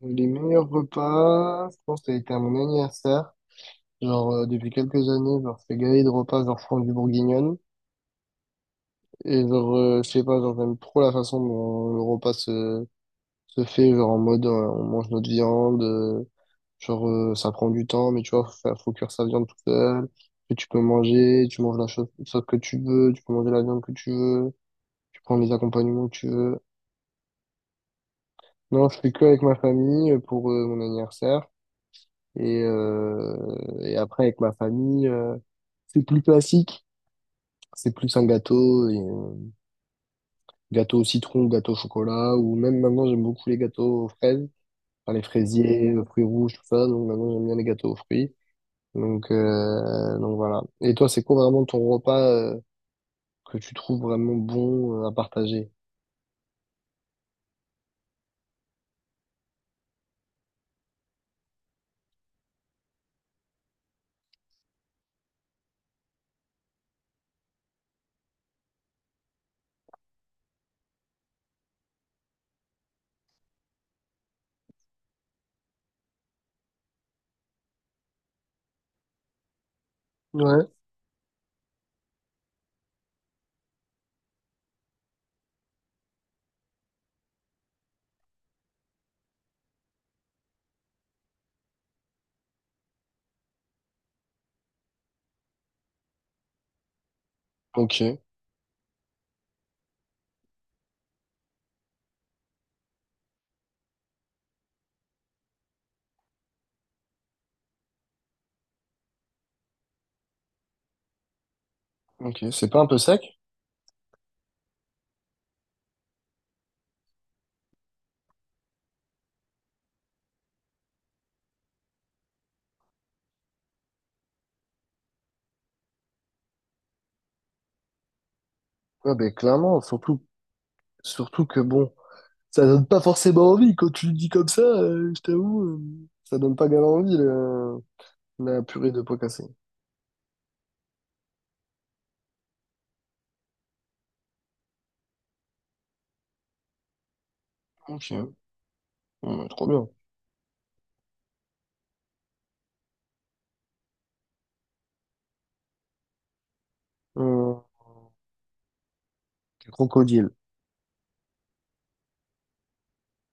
Les meilleurs repas, je pense que ça a été à mon anniversaire. Depuis quelques années, je fais galer de repas, genre, France du Bourguignonne. Et je sais pas, genre, j'aime trop la façon dont se fait, genre, en mode, on mange notre viande, ça prend du temps, mais tu vois, faut cuire sa viande tout seul. Et tu manges la chose, sauce que tu veux, tu peux manger la viande que tu veux, tu prends les accompagnements que tu veux. Non, je fais que avec ma famille pour, mon anniversaire. Et après, avec ma famille, c'est plus classique. C'est plus un gâteau, gâteau au citron, gâteau au chocolat, ou même maintenant, j'aime beaucoup les gâteaux aux fraises, enfin, les fraisiers, fruits rouges, tout ça. Donc maintenant, j'aime bien les gâteaux aux fruits. Donc voilà. Et toi, c'est quoi vraiment ton repas, que tu trouves vraiment bon, à partager? Ouais. Ok, ok. C'est pas un peu sec? Ouais, ben clairement, surtout que bon. Ça donne pas forcément envie. Quand tu le dis comme ça, je t'avoue, ça donne pas galant envie, la purée de pois cassés. Ok, ouais, trop bien. Euh, Crocodile.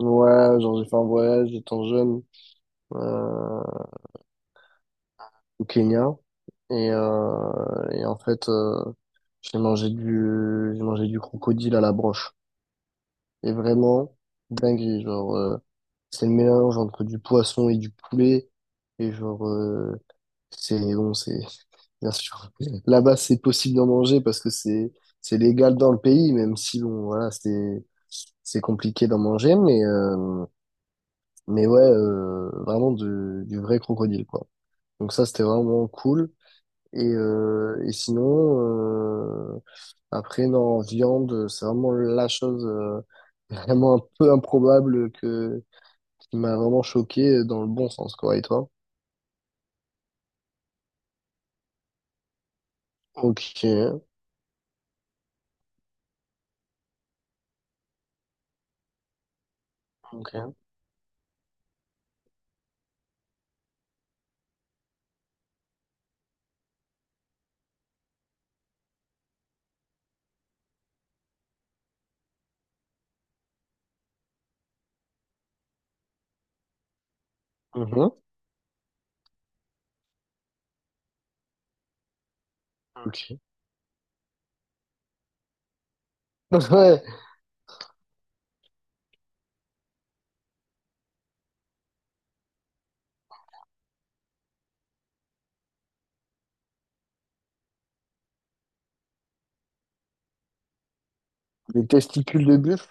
Ouais, genre j'ai fait un voyage étant jeune euh, au Kenya. Et en fait, j'ai mangé du crocodile à la broche. Et vraiment, dingue, c'est le mélange entre du poisson et du poulet. Et c'est bon, c'est bien sûr. Là-bas, c'est possible d'en manger parce que c'est légal dans le pays, même si bon, voilà, c'est compliqué d'en manger, mais ouais, du vrai crocodile, quoi. Donc ça, c'était vraiment cool. Et sinon, après, non, en viande, c'est vraiment la chose vraiment un peu improbable que qui m'a vraiment choqué dans le bon sens, quoi. Et toi? Ok, ok, mhm, ok. Ouais, les testicules de bœuf.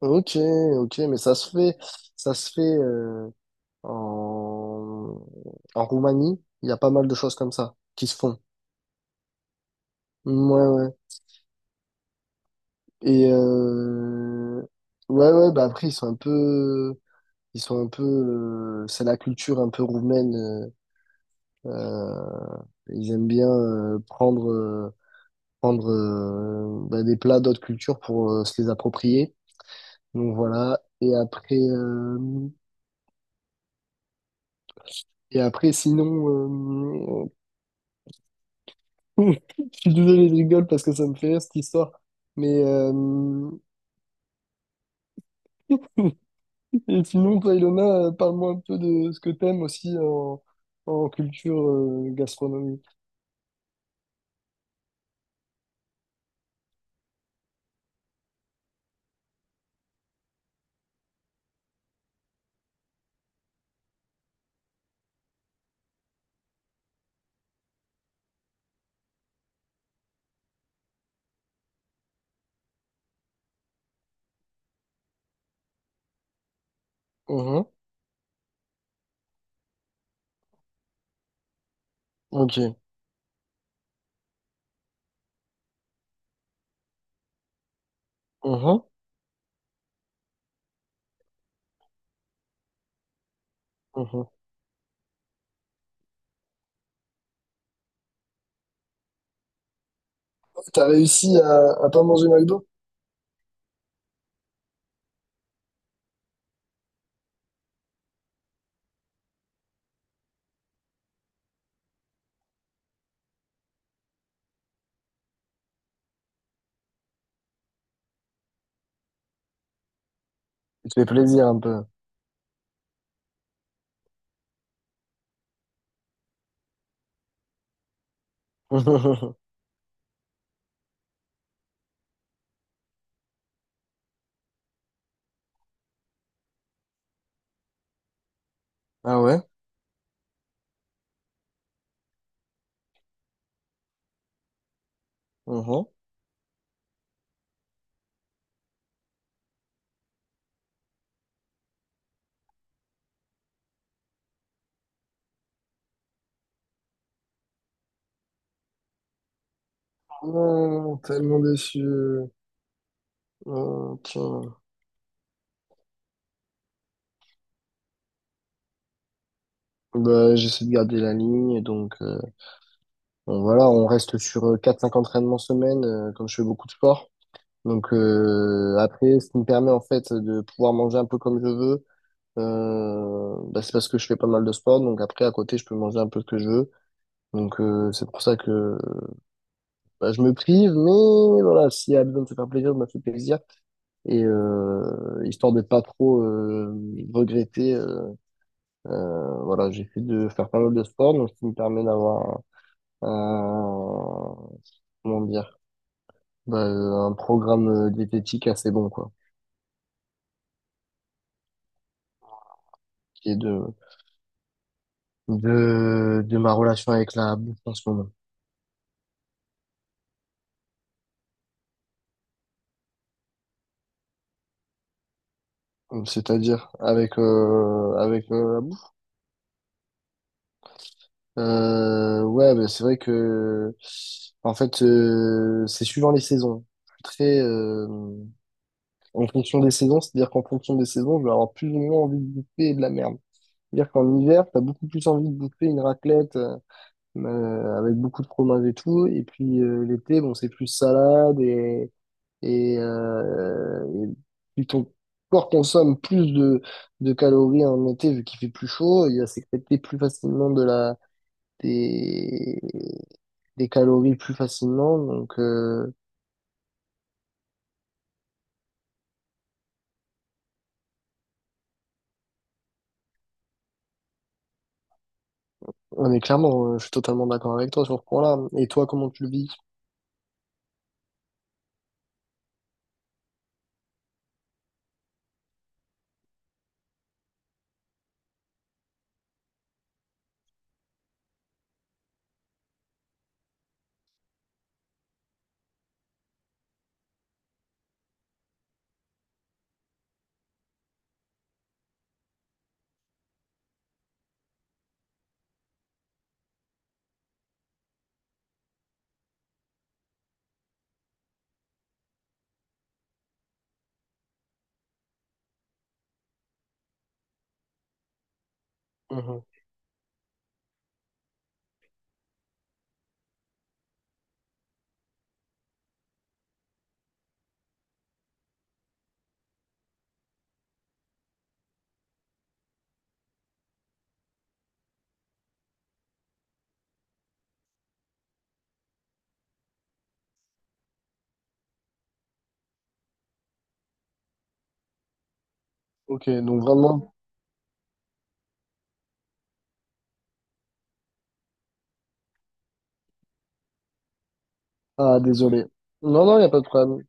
Ok, ok, mais ça se fait en, en Roumanie. Il y a pas mal de choses comme ça qui se font. Ouais, ouais. Et euh, ouais, ouais. Bah après, ils sont un peu. C'est la culture un peu roumaine. Euh, Ils aiment bien prendre bah, des plats d'autres cultures pour se les approprier. Donc voilà. Et après, sinon. Oui, je suis désolé, je rigole parce que ça me fait rire cette histoire. Mais et sinon, toi, Ilona, parle-moi un peu de ce que t'aimes aussi en culture gastronomique. Mhm. Ok. Mhm. Mhm. T'as réussi à pas manger McDo? Tu te fais plaisir un peu. Ah ouais? Mhm. Oh, tellement déçu. Oh, tiens. Bah, j'essaie de garder la ligne, donc bon, voilà, on reste sur 4-5 entraînements semaine, comme je fais beaucoup de sport. Donc après, ce qui me permet en fait de pouvoir manger un peu comme je veux, bah, c'est parce que je fais pas mal de sport. Donc après, à côté, je peux manger un peu ce que je veux. Donc c'est pour ça que bah, je me prive, mais voilà, s'il y a besoin de se faire plaisir, je me fais plaisir. Et histoire de pas trop regretter, euh, voilà, j'essaie de faire pas mal de sport, donc ce qui me permet d'avoir un, un- comment dire, bah, un programme diététique assez bon, quoi, qui est de ma relation avec la bouffe en ce moment. C'est-à-dire avec avec la bouffe. Ouais, bah, c'est vrai que en fait c'est suivant les saisons. Je suis très en fonction des saisons, c'est-à-dire qu'en fonction des saisons, je vais avoir plus ou moins envie de bouffer de la merde. C'est-à-dire qu'en hiver, t'as beaucoup plus envie de bouffer une raclette avec beaucoup de fromage et tout, et puis l'été, bon, c'est plus salade et plus ton corps consomme plus de calories en été vu qu'il fait plus chaud, il va sécréter plus facilement des, des calories plus facilement. Donc on est clairement, je suis totalement d'accord avec toi sur ce point-là. Et toi, comment tu le vis? Mhm. Ok, donc vraiment, ah désolé. Non, non, il n'y a pas de problème.